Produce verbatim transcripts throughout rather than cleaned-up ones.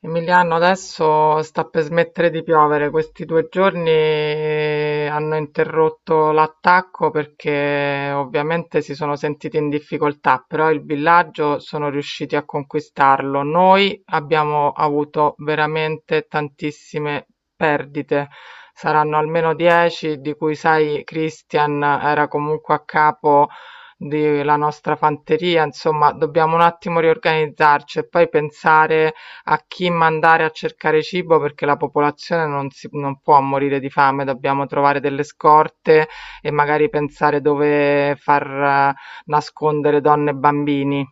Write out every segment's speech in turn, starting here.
Emiliano, adesso sta per smettere di piovere. Questi due giorni eh, hanno interrotto l'attacco perché ovviamente si sono sentiti in difficoltà, però il villaggio sono riusciti a conquistarlo. Noi abbiamo avuto veramente tantissime perdite. Saranno almeno dieci, di cui sai, Christian era comunque a capo della nostra fanteria, insomma, dobbiamo un attimo riorganizzarci e poi pensare a chi mandare a cercare cibo perché la popolazione non si, non può morire di fame, dobbiamo trovare delle scorte e magari pensare dove far eh, nascondere donne e bambini.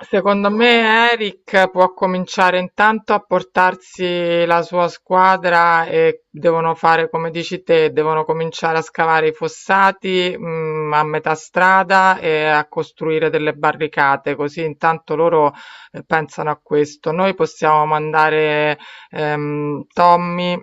Secondo me Eric può cominciare intanto a portarsi la sua squadra e devono fare come dici te, devono cominciare a scavare i fossati, mh, a metà strada e a costruire delle barricate, così intanto loro eh, pensano a questo. Noi possiamo mandare ehm, Tommy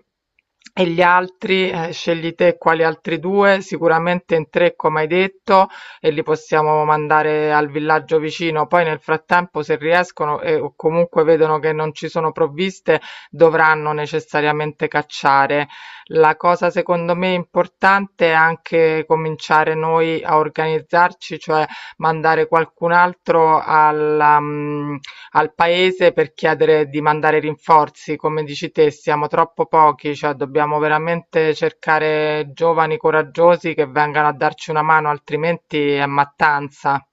e gli altri, eh, scegli te quali altri due, sicuramente in tre come hai detto e li possiamo mandare al villaggio vicino. Poi nel frattempo se riescono e o comunque vedono che non ci sono provviste, dovranno necessariamente cacciare. La cosa secondo me importante è anche cominciare noi a organizzarci, cioè mandare qualcun altro alla, mm, al paese per chiedere di mandare rinforzi. Come dici te, siamo troppo pochi, cioè dobbiamo veramente cercare giovani coraggiosi che vengano a darci una mano, altrimenti è mattanza.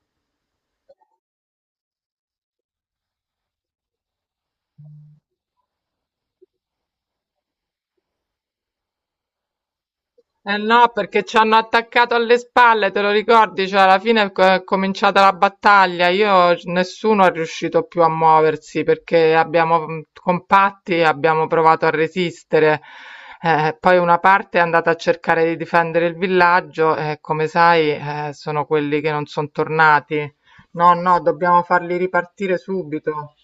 Eh no, perché ci hanno attaccato alle spalle, te lo ricordi? Cioè, alla fine è co- è cominciata la battaglia. Io, nessuno è riuscito più a muoversi perché abbiamo mh, compatti, abbiamo provato a resistere. Eh, poi una parte è andata a cercare di difendere il villaggio e, come sai, eh, sono quelli che non sono tornati. No, no, dobbiamo farli ripartire subito.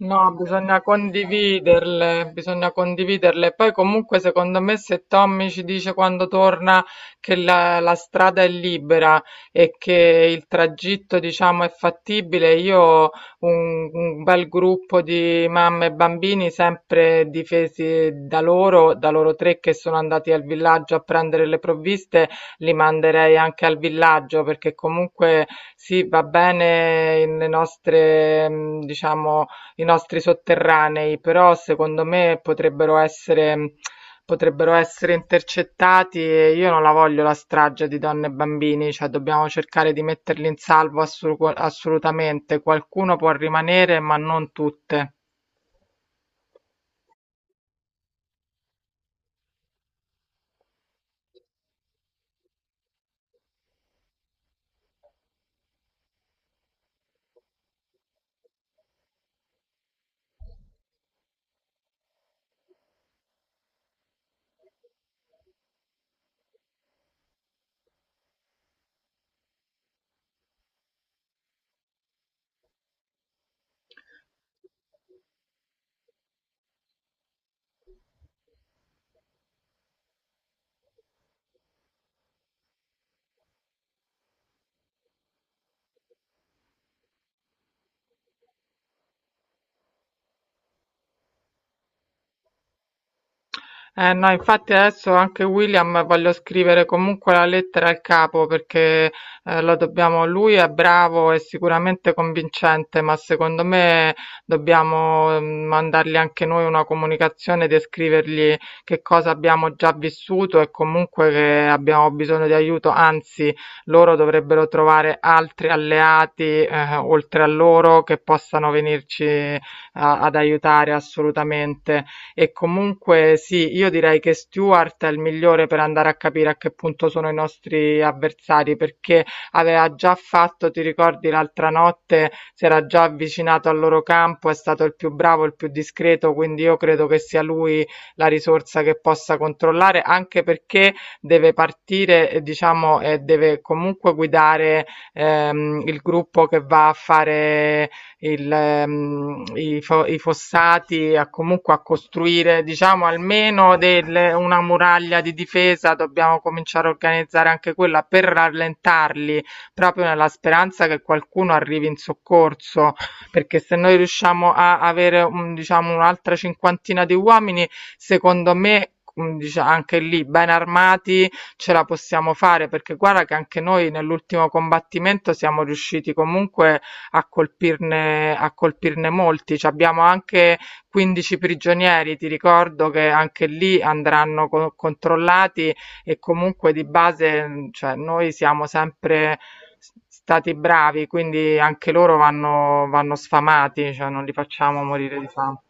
No, bisogna condividerle, bisogna condividerle. Poi comunque secondo me se Tommy ci dice quando torna che la, la strada è libera e che il tragitto diciamo è fattibile, io un, un bel gruppo di mamme e bambini sempre difesi da loro, da loro tre che sono andati al villaggio a prendere le provviste, li manderei anche al villaggio perché comunque sì, va bene le nostre, mh, diciamo i nostri sotterranei, però secondo me potrebbero essere, potrebbero essere intercettati e io non la voglio la strage di donne e bambini, cioè dobbiamo cercare di metterli in salvo assu- assolutamente. Qualcuno può rimanere, ma non tutte. Eh no, infatti adesso anche William voglio scrivere comunque la lettera al capo perché eh, lo dobbiamo, lui è bravo e sicuramente convincente, ma secondo me dobbiamo mm, mandargli anche noi una comunicazione e scrivergli che cosa abbiamo già vissuto e comunque che abbiamo bisogno di aiuto, anzi loro dovrebbero trovare altri alleati eh, oltre a loro che possano venirci a- ad aiutare assolutamente. E comunque sì, io direi che Stewart è il migliore per andare a capire a che punto sono i nostri avversari, perché aveva già fatto, ti ricordi, l'altra notte si era già avvicinato al loro campo, è stato il più bravo, il più discreto, quindi io credo che sia lui la risorsa che possa controllare, anche perché deve partire, eh, diciamo, e deve comunque guidare ehm, il gruppo che va a fare il, ehm, i, fo- i fossati a, comunque a costruire, diciamo, almeno del- una muraglia di difesa, dobbiamo cominciare a organizzare anche quella per rallentarli, proprio nella speranza che qualcuno arrivi in soccorso, perché se noi riusciamo a avere, un- diciamo, un'altra cinquantina di uomini, secondo me mm, dicia- anche lì ben armati ce la possiamo fare perché guarda che anche noi nell'ultimo combattimento siamo riusciti comunque a colpirne, a colpirne molti. Ci abbiamo anche quindici prigionieri, ti ricordo che anche lì andranno co- controllati e comunque di base, mh, cioè, noi siamo sempre s- stati bravi, quindi anche loro vanno, vanno sfamati, cioè non li facciamo morire di fame.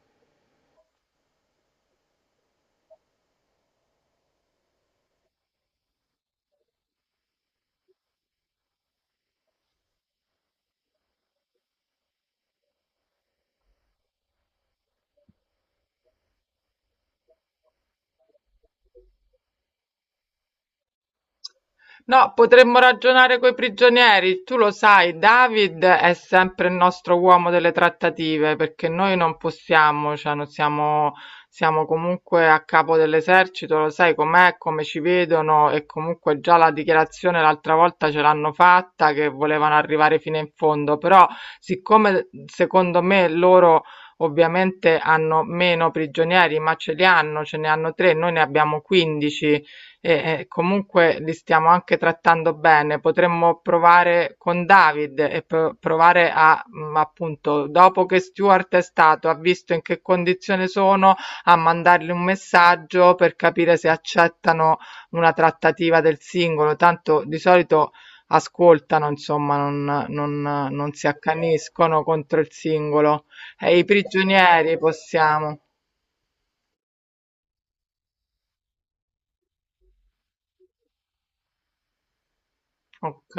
No, potremmo ragionare coi prigionieri. Tu lo sai, David è sempre il nostro uomo delle trattative, perché noi non possiamo, cioè non siamo, siamo comunque a capo dell'esercito, lo sai com'è, come ci vedono e comunque già la dichiarazione l'altra volta ce l'hanno fatta che volevano arrivare fino in fondo, però siccome secondo me loro ovviamente hanno meno prigionieri, ma ce li hanno, ce ne hanno tre, noi ne abbiamo quindici e, eh, comunque li stiamo anche trattando bene. Potremmo provare con David e pro- provare a, mh, appunto, dopo che Stuart è stato, ha visto in che condizione sono, a mandargli un messaggio per capire se accettano una trattativa del singolo. Tanto di solito ascoltano, insomma, non, non- non si accaniscono contro il singolo. E i prigionieri possiamo. Ok.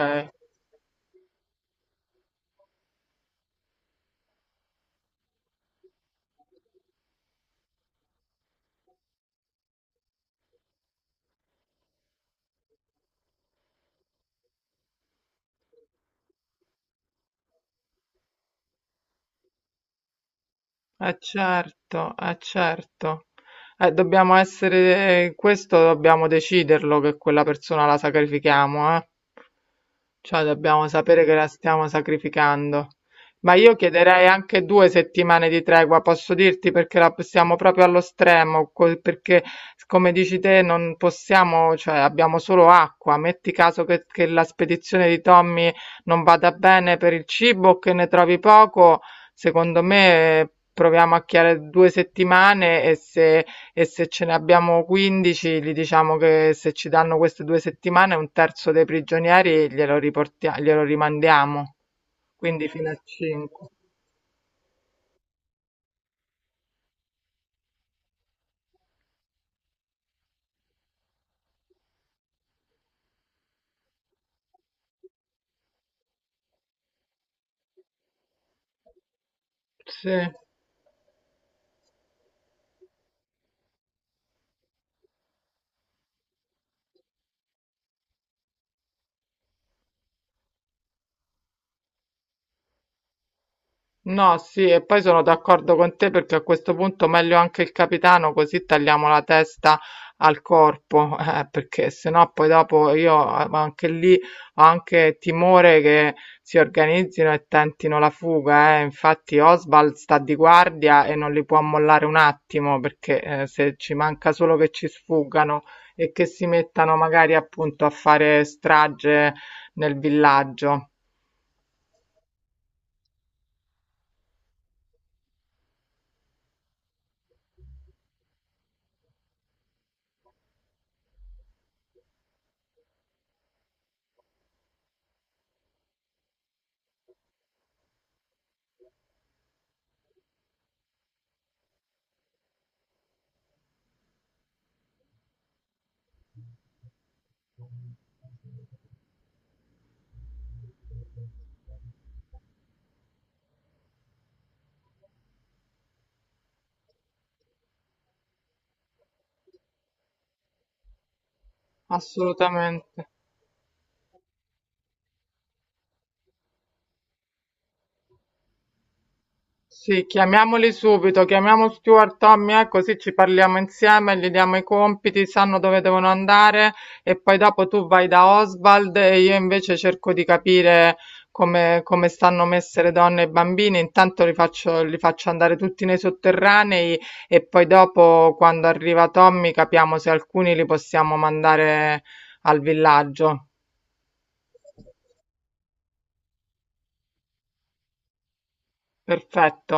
Eh certo, eh certo. Eh, dobbiamo essere, questo dobbiamo deciderlo che quella persona la sacrifichiamo, eh. Cioè dobbiamo sapere che la stiamo sacrificando. Ma io chiederei anche due settimane di tregua, posso dirti, perché la possiamo proprio allo stremo, co- perché come dici te non possiamo, cioè abbiamo solo acqua. Metti caso che, che la spedizione di Tommy non vada bene per il cibo, che ne trovi poco. Secondo me proviamo a chiare due settimane e se e se ce ne abbiamo quindici gli diciamo che se ci danno queste due settimane un terzo dei prigionieri glielo riportia glielo rimandiamo. Quindi fino a cinque. Sì. No, sì, e poi sono d'accordo con te perché a questo punto meglio anche il capitano, così tagliamo la testa al corpo, eh, perché sennò poi dopo io eh, anche lì ho anche timore che si organizzino e tentino la fuga, eh. Infatti Oswald sta di guardia e non li può mollare un attimo, perché eh, se ci manca solo che ci sfuggano e che si mettano magari appunto a fare strage nel villaggio. Assolutamente. Sì, chiamiamoli subito, chiamiamo Stuart, Tommy, eh, così ci parliamo insieme, gli diamo i compiti, sanno dove devono andare e poi dopo tu vai da Oswald e io invece cerco di capire come, come stanno messe le donne e i bambini, intanto li faccio, li faccio andare tutti nei sotterranei e poi dopo quando arriva Tommy capiamo se alcuni li possiamo mandare al villaggio. Perfetto.